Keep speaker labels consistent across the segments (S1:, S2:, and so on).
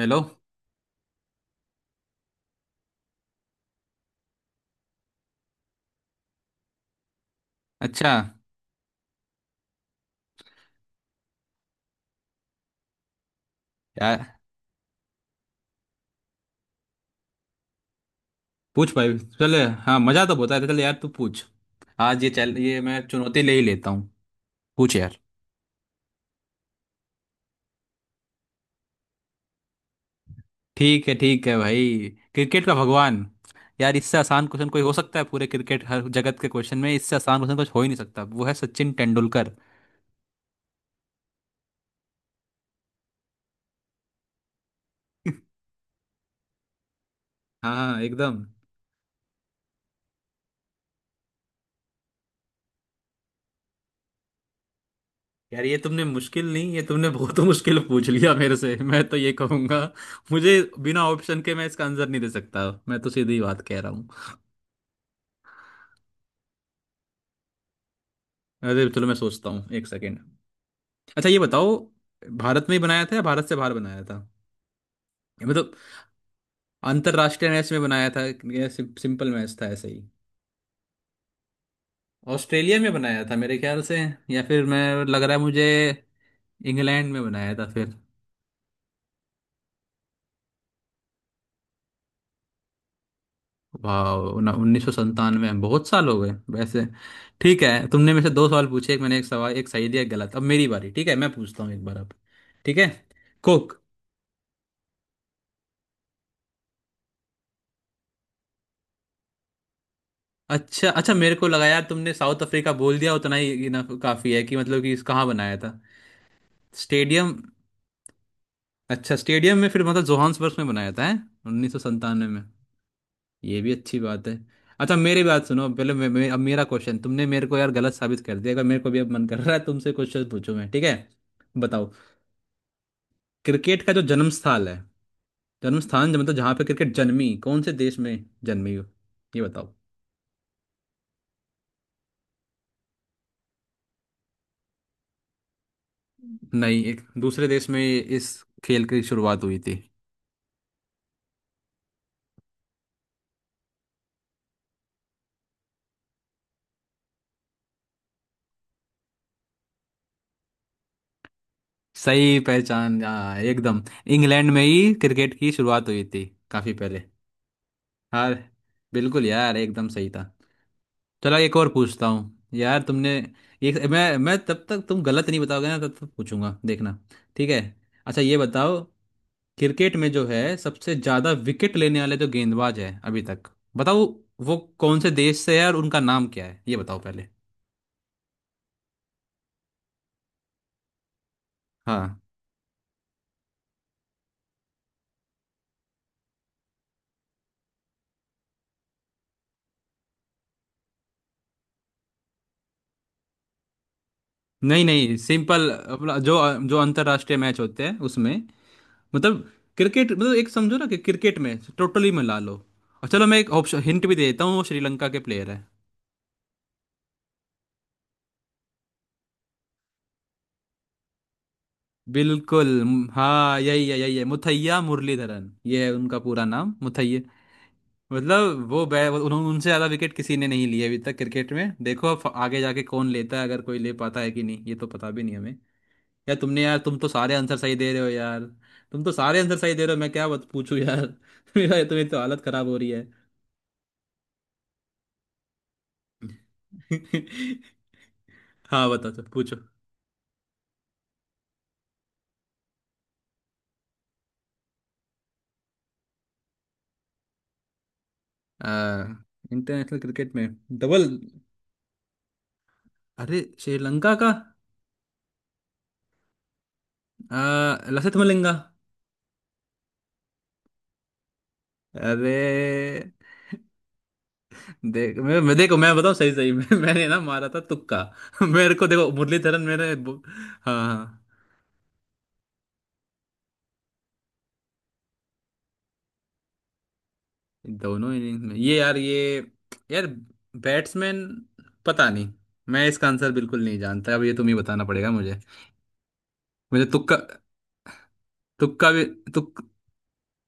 S1: Hello. अच्छा यार, पूछ भाई, चले। हाँ, मजा तो बहुत आया था। चल यार, तू पूछ। आज ये चल, ये मैं चुनौती ले ही लेता हूँ। पूछ यार। ठीक है, ठीक है भाई। क्रिकेट का भगवान। यार, इससे आसान क्वेश्चन कोई हो सकता है? पूरे क्रिकेट हर जगत के क्वेश्चन में इससे आसान क्वेश्चन कुछ हो ही नहीं सकता। वो है सचिन तेंदुलकर। हाँ हाँ, एकदम। यार ये तुमने मुश्किल नहीं, ये तुमने बहुत मुश्किल पूछ लिया मेरे से। मैं तो ये कहूंगा मुझे, बिना ऑप्शन के मैं इसका आंसर नहीं दे सकता। मैं तो सीधी बात कह रहा। अरे तो चलो, मैं सोचता हूँ 1 सेकेंड। अच्छा ये बताओ, भारत में ही बनाया था या भारत से बाहर बनाया था, ये मतलब। अंतरराष्ट्रीय मैच में बनाया था या सिंपल मैच था ऐसे ही। ऑस्ट्रेलिया में बनाया था मेरे ख्याल से। या फिर मैं लग रहा है मुझे, इंग्लैंड में बनाया था फिर। वाह, 1997। बहुत साल हो गए वैसे। ठीक है, तुमने मेरे से दो सवाल पूछे। एक मैंने एक सवाल, एक सही दिया, एक गलत। अब मेरी बारी, ठीक है? मैं पूछता हूँ एक बार अब। ठीक है। कोक। अच्छा अच्छा, मेरे को लगा यार तुमने साउथ अफ्रीका बोल दिया उतना ही, ये ना काफी है कि, मतलब कि इस कहाँ बनाया था। स्टेडियम। अच्छा स्टेडियम में फिर मतलब जोहान्सबर्ग में बनाया था, है? 1997 में। ये भी अच्छी बात है। अच्छा मेरी बात सुनो पहले मे, मे, अब मेरा क्वेश्चन, तुमने मेरे को यार गलत साबित कर दिया। अगर मेरे को भी अब मन कर रहा है तुमसे क्वेश्चन पूछूं मैं, ठीक है? बताओ। क्रिकेट का जो जन्म स्थल है, जन्म स्थान, जो मतलब जहाँ पे क्रिकेट जन्मी, कौन से देश में जन्मी हो, ये बताओ। नहीं, एक दूसरे देश में इस खेल की शुरुआत हुई थी। सही पहचान, हाँ, एकदम। इंग्लैंड में ही क्रिकेट की शुरुआत हुई थी, काफी पहले। हाँ, बिल्कुल यार, एकदम सही था। चलो एक और पूछता हूँ यार तुमने। एक मैं तब तक, तुम गलत नहीं बताओगे ना तब तक पूछूंगा, देखना। ठीक है। अच्छा ये बताओ, क्रिकेट में जो है सबसे ज्यादा विकेट लेने वाले जो गेंदबाज है अभी तक, बताओ। वो कौन से देश से है और उनका नाम क्या है, ये बताओ पहले। हाँ। नहीं नहीं, सिंपल अपना, जो जो अंतर्राष्ट्रीय मैच होते हैं उसमें, मतलब। क्रिकेट, मतलब, एक समझो ना कि क्रिकेट में टोटली मिला लो। और चलो, मैं एक ऑप्शन, हिंट भी दे देता हूँ, वो श्रीलंका के प्लेयर है। हाँ, यही है, यही है, मुथैया मुरलीधरन, ये है उनका पूरा नाम, मुथैया। मतलब वो बै वो- उन्हों- उनसे ज्यादा विकेट किसी ने नहीं लिए अभी तक क्रिकेट में। देखो अब आगे जाके कौन लेता है, अगर कोई ले पाता है कि नहीं, ये तो पता भी नहीं हमें। यार तुमने, यार तुम तो सारे आंसर सही दे रहे हो यार, तुम तो सारे आंसर सही दे रहे हो। मैं क्या पूछूं यार? मेरा, तुम्हें तो हालत खराब हो रही है। हाँ, बताओ, पूछो। इंटरनेशनल क्रिकेट में। डबल? अरे, श्रीलंका का। लसिथ मलिंगा। अरे देख, मैं देखो, मैं बताऊं सही सही। मैंने ना मारा था तुक्का। मेरे को देखो मुरलीधरन, हाँ, हाँ। दोनों इनिंग्स में ये, यार ये, यार बैट्समैन, पता नहीं। मैं इसका आंसर बिल्कुल नहीं जानता, अब ये तुम ही बताना पड़ेगा मुझे। मुझे तुक्का, तुक्का भी तुक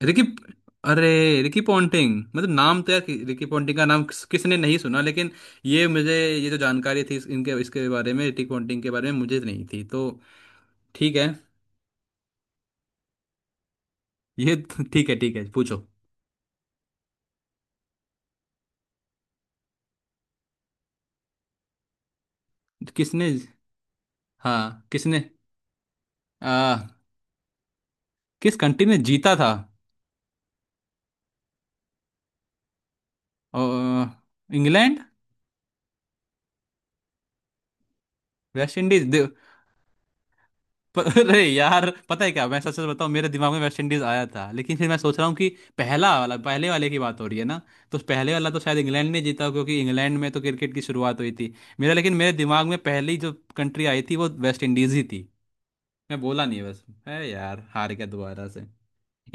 S1: रिकी। अरे, रिकी पॉन्टिंग मतलब नाम तो यार रिकी पॉन्टिंग का नाम किसने नहीं सुना, लेकिन ये मुझे, ये जो जानकारी थी इनके, इसके बारे में, रिकी पॉन्टिंग के बारे में, मुझे नहीं थी तो। ठीक है। ये ठीक है, ठीक है, पूछो। किसने? हाँ किसने? आ, किस कंट्री ने जीता था? अ, इंग्लैंड। West Indies. अरे यार, पता है क्या, मैं सच सच बताऊं, मेरे दिमाग में वेस्ट इंडीज आया था। लेकिन फिर मैं सोच रहा हूँ कि पहला वाला, पहले वाले की बात हो रही है ना, तो उस पहले वाला तो शायद इंग्लैंड ने जीता, क्योंकि इंग्लैंड में तो क्रिकेट की शुरुआत हुई थी मेरा। लेकिन मेरे दिमाग में पहली जो कंट्री आई थी वो वेस्ट इंडीज ही थी, मैं बोला नहीं, बस है यार, हार गया दोबारा से।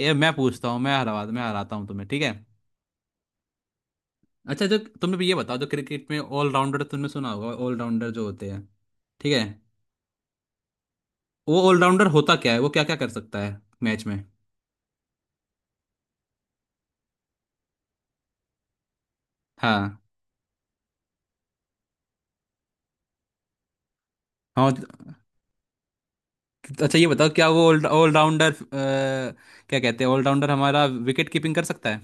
S1: ये मैं पूछता हूँ, मैं हरा, मैं हराता हूँ तुम्हें, ठीक है। अच्छा, जो तुमने भी ये बताओ, जो क्रिकेट में ऑलराउंडर तुमने सुना होगा, ऑलराउंडर जो होते हैं, ठीक है? वो ऑलराउंडर होता क्या है, वो क्या क्या कर सकता है मैच में? हाँ हाँ। अच्छा ये बताओ, क्या वो ऑलराउंडर, क्या कहते हैं, ऑलराउंडर हमारा विकेट कीपिंग कर सकता है?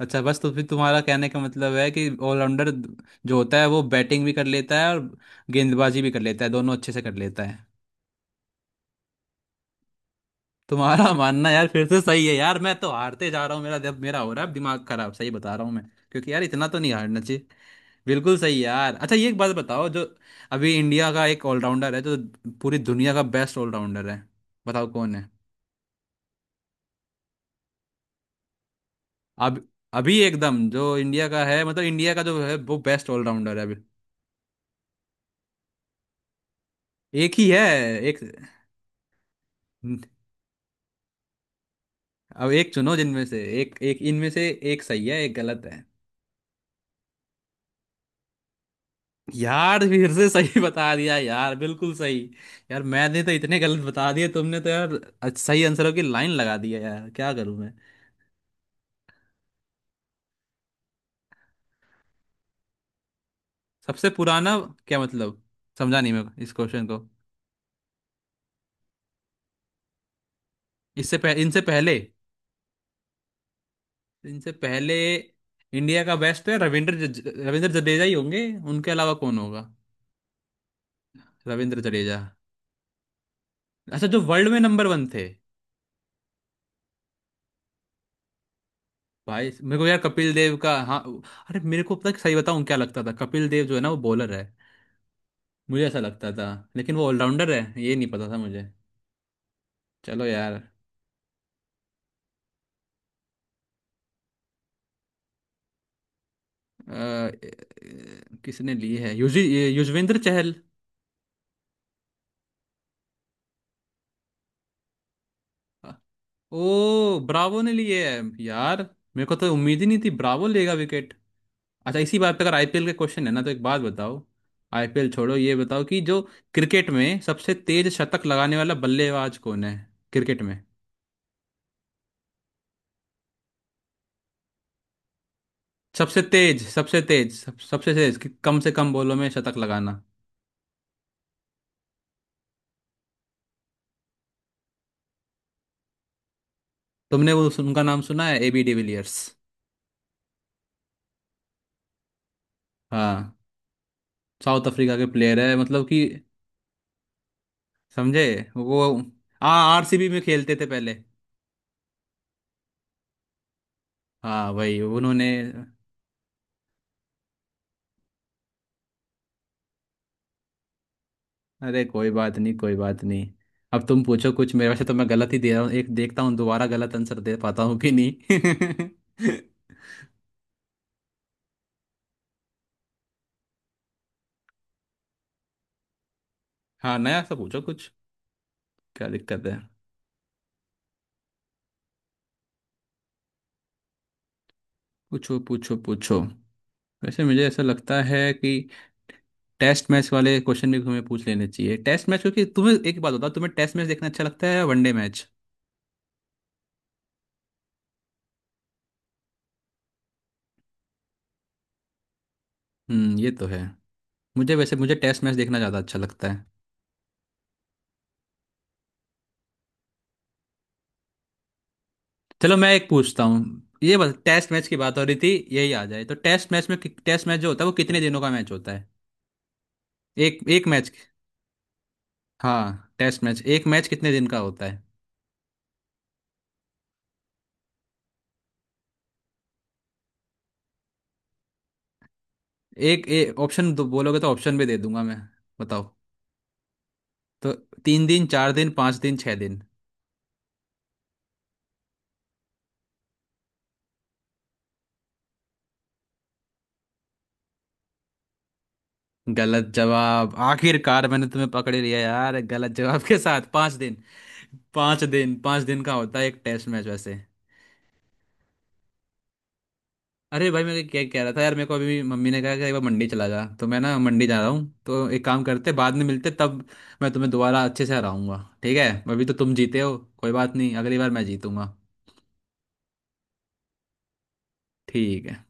S1: अच्छा बस, तो फिर तुम्हारा कहने का मतलब है कि ऑलराउंडर जो होता है वो बैटिंग भी कर लेता है और गेंदबाजी भी कर लेता है, दोनों अच्छे से कर लेता है। तुम्हारा मानना यार फिर से सही है यार, मैं तो हारते जा रहा हूँ। मेरा हो रहा है अब दिमाग खराब, सही बता रहा हूँ मैं। क्योंकि यार इतना तो नहीं हारना चाहिए। बिल्कुल सही यार। अच्छा, ये एक बात बताओ, जो अभी इंडिया का एक ऑलराउंडर है जो पूरी दुनिया का बेस्ट ऑलराउंडर है, बताओ कौन है। अब। अभी एकदम, जो इंडिया का है, मतलब इंडिया का जो है वो बेस्ट ऑलराउंडर है अभी। एक ही है, एक। अब एक चुनो, जिनमें से एक, एक इनमें से, एक सही है, एक गलत है। यार फिर से सही बता दिया यार, बिल्कुल सही। यार मैंने तो इतने गलत बता दिए, तुमने तो यार सही आंसरों की लाइन लगा दी है, यार क्या करूं मैं? सबसे पुराना? क्या मतलब, समझा नहीं मैं इस क्वेश्चन को। इनसे पहले। इनसे पहले इंडिया का बेस्ट है रविंद्र रविंद्र जडेजा ही होंगे, उनके अलावा कौन होगा? रविंद्र जडेजा। अच्छा, जो वर्ल्ड में नंबर 1 थे? भाई, मेरे को यार कपिल देव का, हाँ। अरे, मेरे को पता है, सही बताऊं क्या लगता था, कपिल देव जो है ना वो बॉलर है, मुझे ऐसा लगता था। लेकिन वो ऑलराउंडर है ये नहीं पता था मुझे। चलो यार। अ, किसने ली है? युजी ये युजवेंद्र चहल। ओ ब्रावो ने लिए है यार। मेरे को तो उम्मीद ही नहीं थी ब्रावो लेगा विकेट। अच्छा इसी बात पे, अगर आईपीएल के क्वेश्चन है ना, तो एक बात बताओ। आईपीएल छोड़ो, ये बताओ कि जो क्रिकेट में सबसे तेज शतक लगाने वाला बल्लेबाज कौन है, क्रिकेट में। सबसे तेज, सबसे तेज, सबसे तेज, कि कम से कम बॉलों में शतक लगाना। तुमने वो उनका नाम सुना है, एबी डिविलियर्स? हाँ, साउथ अफ्रीका के प्लेयर है, मतलब कि, समझे? वो, हाँ, आरसीबी में खेलते थे पहले। हाँ भाई उन्होंने। अरे कोई बात नहीं, कोई बात नहीं। अब तुम पूछो कुछ मेरे। वैसे तो मैं गलत ही दे रहा हूँ, एक देखता हूँ दोबारा गलत आंसर दे पाता हूँ कि नहीं। हाँ, नया सा पूछो कुछ, क्या दिक्कत है? पूछो, पूछो, पूछो। वैसे मुझे ऐसा लगता है कि टेस्ट मैच वाले क्वेश्चन भी तुम्हें पूछ लेने चाहिए, टेस्ट मैच। क्योंकि तुम्हें एक बात बताओ, तुम्हें टेस्ट मैच देखना अच्छा लगता है या वनडे मैच? हम्म, ये तो है। मुझे वैसे, मुझे टेस्ट मैच देखना ज़्यादा अच्छा लगता है। चलो मैं एक पूछता हूँ। ये बस टेस्ट मैच की बात हो रही थी यही आ जाए, तो टेस्ट मैच में, टेस्ट मैच जो होता है वो कितने दिनों का मैच होता है, एक एक मैच? हाँ, टेस्ट मैच एक मैच कितने दिन का होता है। एक ऑप्शन दो बोलोगे तो ऑप्शन भी दे दूंगा मैं। बताओ तो, 3 दिन, 4 दिन, 5 दिन, 6 दिन। गलत जवाब, आखिरकार मैंने तुम्हें पकड़ लिया यार, गलत जवाब के साथ। 5 दिन। पांच दिन का होता है एक टेस्ट मैच वैसे। अरे भाई, मैं क्या कह रहा था यार, मेरे को अभी मम्मी ने कहा कि एक बार मंडी चला जा, तो मैं ना मंडी जा रहा हूँ। तो एक काम करते, बाद में मिलते तब, मैं तुम्हें दोबारा अच्छे से हराऊंगा, ठीक है? अभी तो तुम जीते हो, कोई बात नहीं, अगली बार मैं जीतूंगा। ठीक है।